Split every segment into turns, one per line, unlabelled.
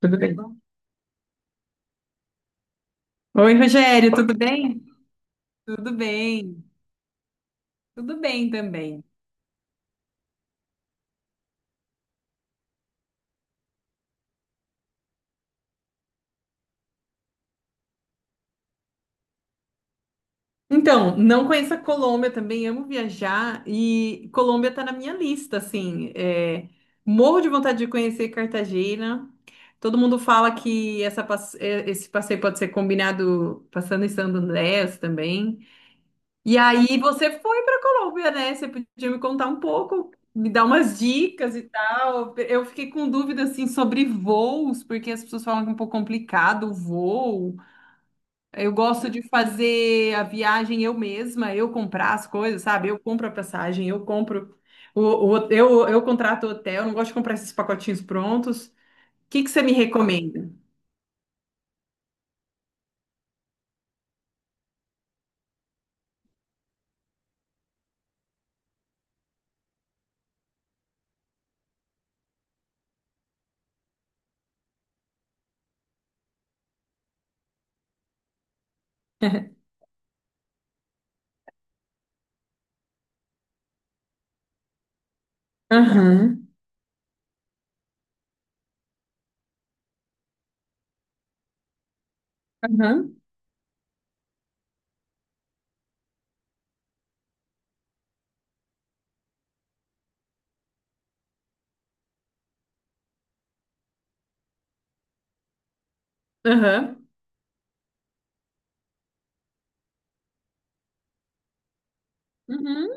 Tudo bem? Oi, Rogério, tudo bem? Tudo bem, tudo bem também. Então, não conheço a Colômbia também, amo viajar e Colômbia tá na minha lista, assim. Morro de vontade de conhecer Cartagena. Todo mundo fala que esse passeio pode ser combinado passando em Santo Andrés também. E aí você foi para Colômbia, né? Você podia me contar um pouco, me dar umas dicas e tal. Eu fiquei com dúvida assim sobre voos, porque as pessoas falam que é um pouco complicado o voo. Eu gosto de fazer a viagem eu mesma, eu comprar as coisas, sabe? Eu compro a passagem, eu compro o, eu contrato o hotel, não gosto de comprar esses pacotinhos prontos. O que que você me recomenda? Aham, aham, aham. Uhum.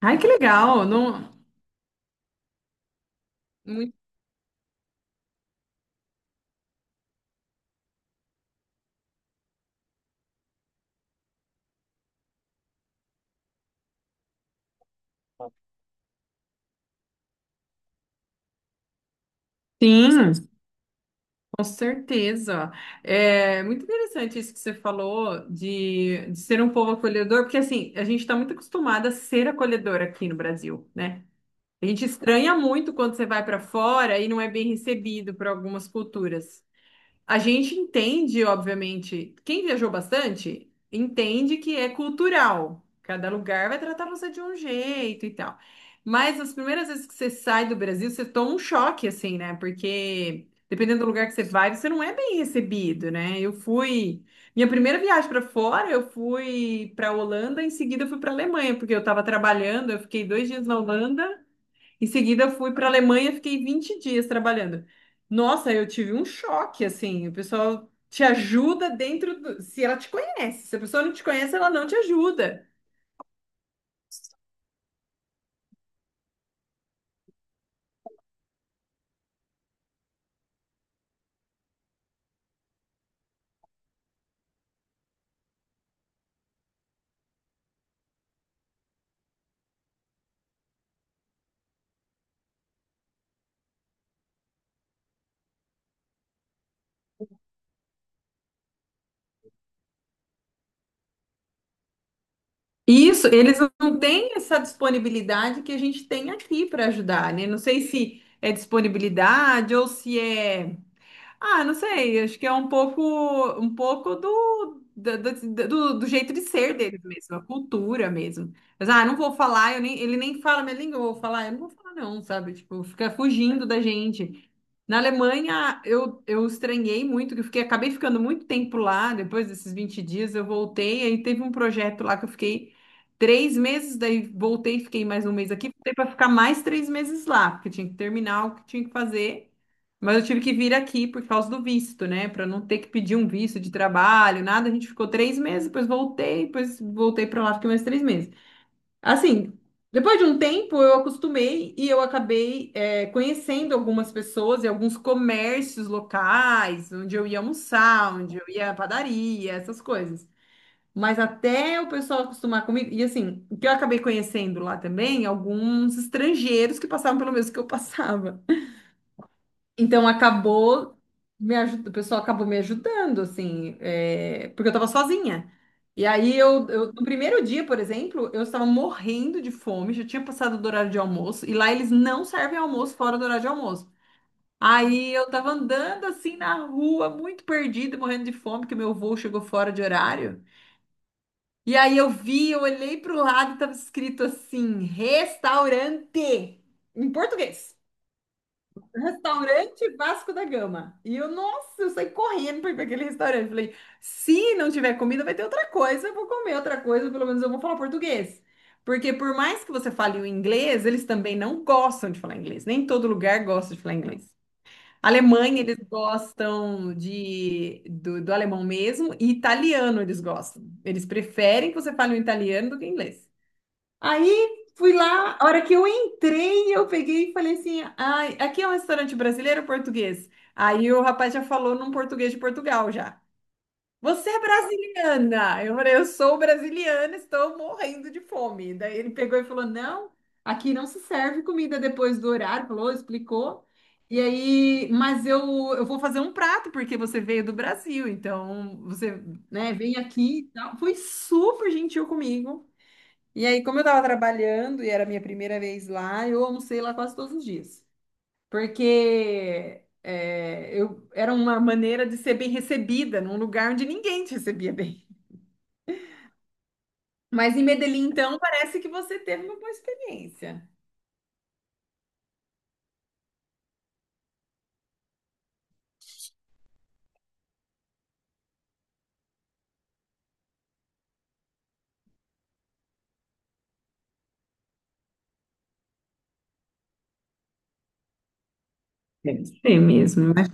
Ai, que legal! Não... Muito... Sim. Com certeza. É muito interessante isso que você falou de ser um povo acolhedor, porque assim, a gente está muito acostumada a ser acolhedor aqui no Brasil, né? A gente estranha muito quando você vai para fora e não é bem recebido por algumas culturas. A gente entende, obviamente, quem viajou bastante entende que é cultural. Cada lugar vai tratar você de um jeito e tal. Mas as primeiras vezes que você sai do Brasil, você toma um choque, assim, né? Porque dependendo do lugar que você vai, você não é bem recebido, né? Eu fui. Minha primeira viagem para fora, eu fui para Holanda, em seguida eu fui para Alemanha, porque eu estava trabalhando, eu fiquei dois dias na Holanda. Em seguida, fui para a Alemanha, fiquei 20 dias trabalhando. Nossa, eu tive um choque, assim. O pessoal te ajuda dentro do... Se ela te conhece. Se a pessoa não te conhece, ela não te ajuda. Isso, eles não têm essa disponibilidade que a gente tem aqui para ajudar, né? Não sei se é disponibilidade ou se é. Ah, não sei, acho que é um pouco do, da- da- da- do, do jeito de ser deles mesmo, a cultura mesmo. Mas, ah, não vou falar, eu nem, ele nem fala minha língua, eu vou falar, eu não vou falar não, sabe? Tipo, fica fugindo da gente. Na Alemanha, eu estranhei muito, que eu fiquei, acabei ficando muito tempo lá, depois desses 20 dias eu voltei, aí teve um projeto lá que eu fiquei 3 meses, daí voltei, fiquei mais um mês aqui, voltei para ficar mais 3 meses lá, porque tinha que terminar o que tinha que fazer. Mas eu tive que vir aqui por causa do visto, né? Para não ter que pedir um visto de trabalho, nada. A gente ficou 3 meses, depois voltei para lá, fiquei mais 3 meses. Assim, depois de um tempo eu acostumei e eu acabei conhecendo algumas pessoas e alguns comércios locais, onde eu ia almoçar, onde eu ia à padaria, essas coisas. Mas até o pessoal acostumar comigo, e assim, o que eu acabei conhecendo lá também, alguns estrangeiros que passavam pelo mesmo que eu passava. Então acabou me ajudando, o pessoal acabou me ajudando, assim, porque eu estava sozinha. E aí no primeiro dia, por exemplo, eu estava morrendo de fome, já tinha passado do horário de almoço, e lá eles não servem almoço fora do horário de almoço. Aí eu estava andando assim na rua, muito perdida, morrendo de fome, que meu voo chegou fora de horário. E aí eu vi, eu olhei para o lado e estava escrito assim, restaurante, em português. Restaurante Vasco da Gama. E eu, nossa, eu saí correndo para ir para aquele restaurante. Falei, se não tiver comida, vai ter outra coisa. Eu vou comer outra coisa, pelo menos eu vou falar português. Porque por mais que você fale o inglês, eles também não gostam de falar inglês. Nem todo lugar gosta de falar inglês. Alemanha, eles gostam do alemão mesmo, e italiano eles gostam. Eles preferem que você fale o italiano do que o inglês. Aí fui lá, a hora que eu entrei, eu peguei e falei assim: ai, aqui é um restaurante brasileiro ou português? Aí o rapaz já falou num português de Portugal já. Você é brasiliana? Eu falei, eu sou brasiliana, estou morrendo de fome. Daí ele pegou e falou: não, aqui não se serve comida depois do horário, falou, explicou. E aí, mas eu vou fazer um prato, porque você veio do Brasil, então você, né, vem aqui e tal. Foi super gentil comigo. E aí, como eu estava trabalhando e era a minha primeira vez lá, eu almocei lá quase todos os dias. Porque era uma maneira de ser bem recebida num lugar onde ninguém te recebia bem. Mas em Medellín, então, parece que você teve uma boa experiência. Deve ser mesmo.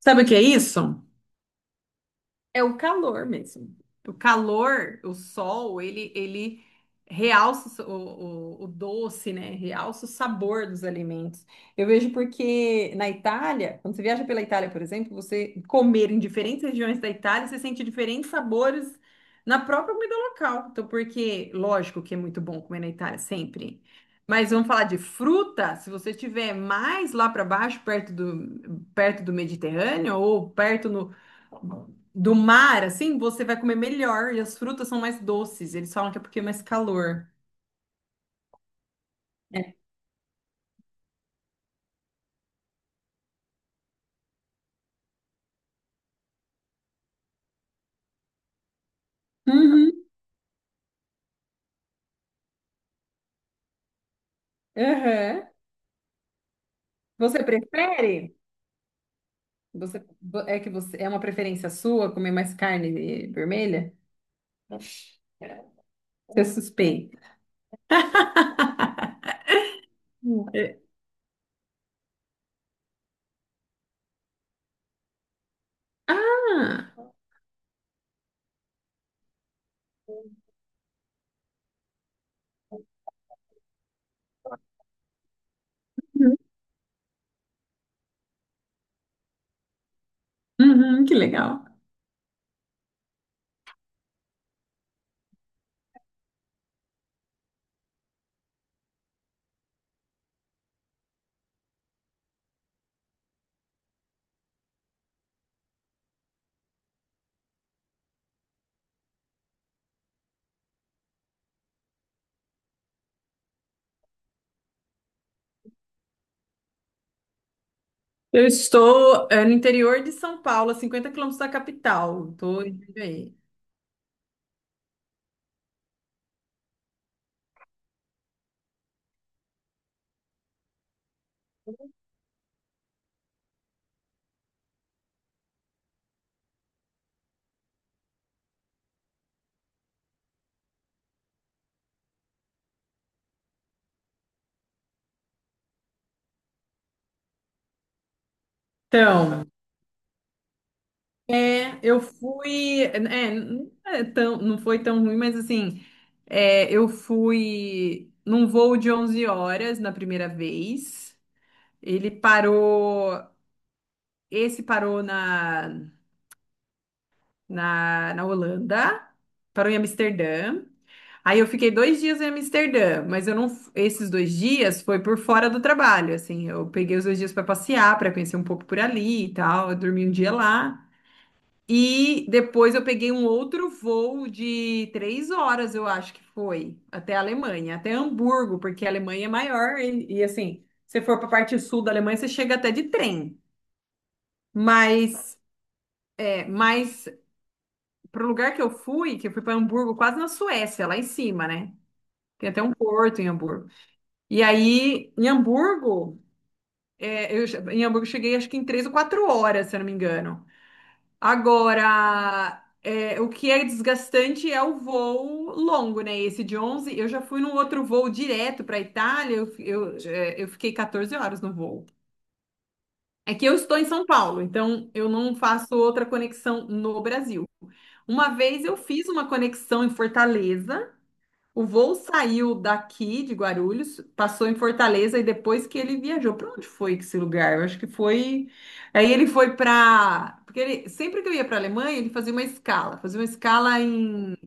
Sabe o que é isso? É o calor mesmo. O calor, o sol, ele realça o doce, né? Realça o sabor dos alimentos. Eu vejo porque na Itália, quando você viaja pela Itália, por exemplo, você comer em diferentes regiões da Itália, você sente diferentes sabores na própria comida local. Então, porque, lógico que é muito bom comer na Itália, sempre. Mas vamos falar de fruta, se você estiver mais lá para baixo, perto do Mediterrâneo ou perto no do mar, assim, você vai comer melhor e as frutas são mais doces. Eles falam que é porque é mais calor. Uhum, aham. Você prefere? Você É que você é uma preferência sua comer mais carne vermelha? Você suspeita. Ah, uhum, que legal. Eu estou, no interior de São Paulo, a 50 quilômetros da capital. Estou indo aí. Então, eu fui, não foi tão ruim, mas assim, eu fui num voo de 11 horas na primeira vez. Ele parou, esse parou na, na Holanda, parou em Amsterdã. Aí eu fiquei 2 dias em Amsterdã, mas eu não, esses 2 dias foi por fora do trabalho, assim, eu peguei os 2 dias para passear, para conhecer um pouco por ali e tal, eu dormi um dia lá. E depois eu peguei um outro voo de 3 horas, eu acho que foi, até a Alemanha, até Hamburgo, porque a Alemanha é maior e, assim, se for para a parte sul da Alemanha, você chega até de trem. Mas, mas para o lugar que eu fui, para Hamburgo, quase na Suécia, lá em cima, né? Tem até um porto em Hamburgo. E aí, em Hamburgo, em Hamburgo eu cheguei acho que em 3 ou 4 horas, se eu não me engano. Agora, o que é desgastante é o voo longo, né? Esse de 11. eu, já fui num outro voo direto para a Itália, eu, fi- eu, é, eu fiquei 14 horas no voo. É que eu estou em São Paulo, então eu não faço outra conexão no Brasil. Uma vez eu fiz uma conexão em Fortaleza, o voo saiu daqui de Guarulhos, passou em Fortaleza e depois que ele viajou, para onde foi esse lugar? Eu acho que foi. Aí ele foi para, porque ele, sempre que eu ia para Alemanha ele fazia uma escala em,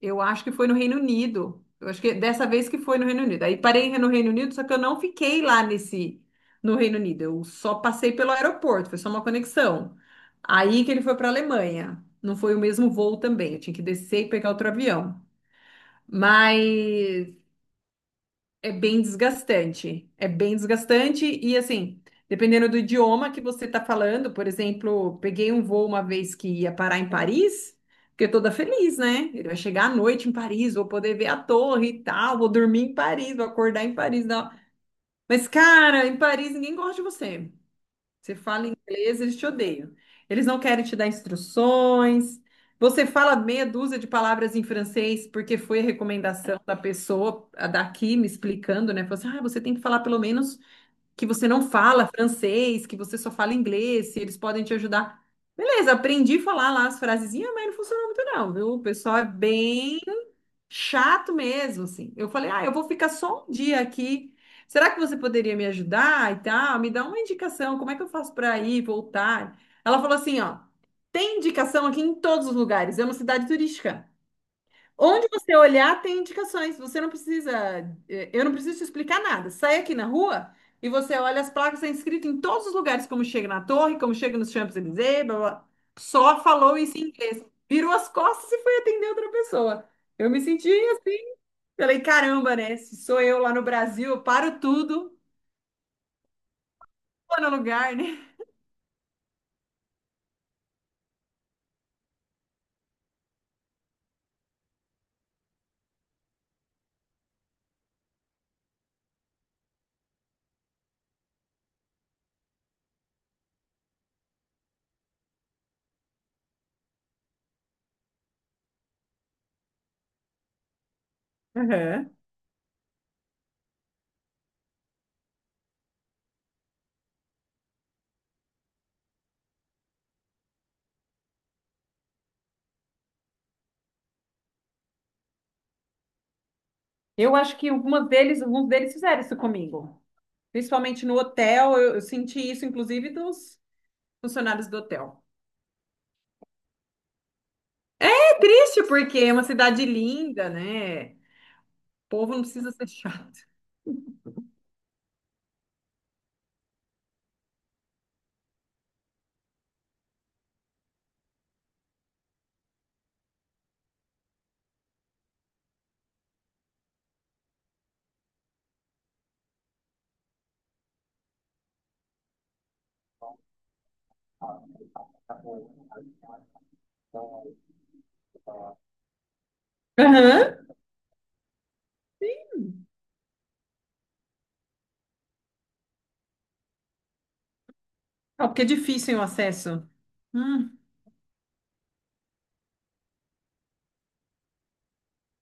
eu acho que foi no Reino Unido. Eu acho que dessa vez que foi no Reino Unido. Aí parei no Reino Unido, só que eu não fiquei lá nesse no Reino Unido. Eu só passei pelo aeroporto, foi só uma conexão. Aí que ele foi para Alemanha. Não foi o mesmo voo também. Eu tinha que descer e pegar outro avião. Mas é bem desgastante. É bem desgastante e assim, dependendo do idioma que você está falando, por exemplo, peguei um voo uma vez que ia parar em Paris, fiquei toda feliz, né? Ele vai chegar à noite em Paris, vou poder ver a torre e tal, vou dormir em Paris, vou acordar em Paris, não. Mas, cara, em Paris ninguém gosta de você. Você fala inglês, eles te odeiam. Eles não querem te dar instruções. Você fala meia dúzia de palavras em francês porque foi a recomendação da pessoa a daqui me explicando, né? Falou assim, ah, você tem que falar pelo menos que você não fala francês, que você só fala inglês, se eles podem te ajudar. Beleza, aprendi a falar lá as frasezinhas, mas não funcionou muito não, viu? O pessoal é bem chato mesmo, assim. Eu falei, ah, eu vou ficar só um dia aqui. Será que você poderia me ajudar e tal? Me dá uma indicação, como é que eu faço para ir, voltar? Ela falou assim, ó, tem indicação aqui em todos os lugares, é uma cidade turística. Onde você olhar tem indicações. Você não precisa, eu não preciso te explicar nada. Sai aqui na rua e você olha as placas, está escrito em todos os lugares, como chega na torre, como chega nos Champs-Élysées, blá, blá. Só falou isso em inglês. Virou as costas e foi atender outra pessoa. Eu me senti assim. Falei, caramba, né? Se sou eu lá no Brasil, eu paro tudo, vou no lugar, né? Aham. Eu acho que alguns deles fizeram isso comigo. Principalmente no hotel, eu senti isso, inclusive, dos funcionários do hotel. Triste porque é uma cidade linda, né? O povo não precisa ser chato. Aham. Ah, porque é difícil o acesso. Hum.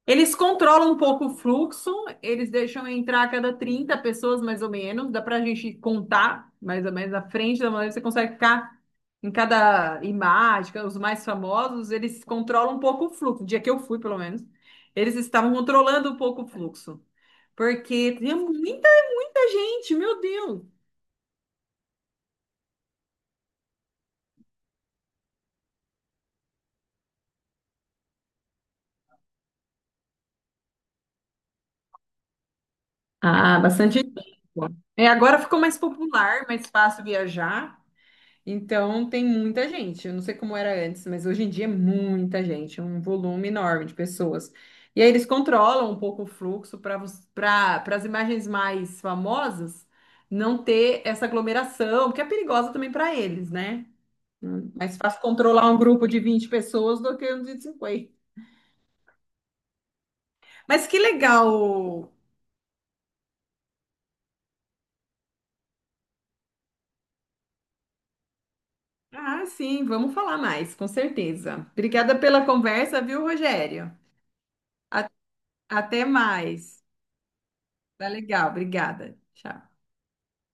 Eles controlam um pouco o fluxo, eles deixam entrar a cada 30 pessoas, mais ou menos. Dá pra gente contar, mais ou menos, na frente da maneira que você consegue ficar em cada imagem, os mais famosos, eles controlam um pouco o fluxo. No dia que eu fui, pelo menos, eles estavam controlando um pouco o fluxo. Porque tinha muita, muita gente, meu Deus! Ah, bastante tempo. É, agora ficou mais popular, mais fácil viajar. Então tem muita gente. Eu não sei como era antes, mas hoje em dia é muita gente, é um volume enorme de pessoas. E aí eles controlam um pouco o fluxo para as imagens mais famosas não ter essa aglomeração, porque é perigosa também para eles, né? Hum. Mais fácil controlar um grupo de 20 pessoas do que um de 50. Mas que legal. Ah, sim, vamos falar mais, com certeza. Obrigada pela conversa, viu, Rogério? Até mais. Tá legal, obrigada. Tchau.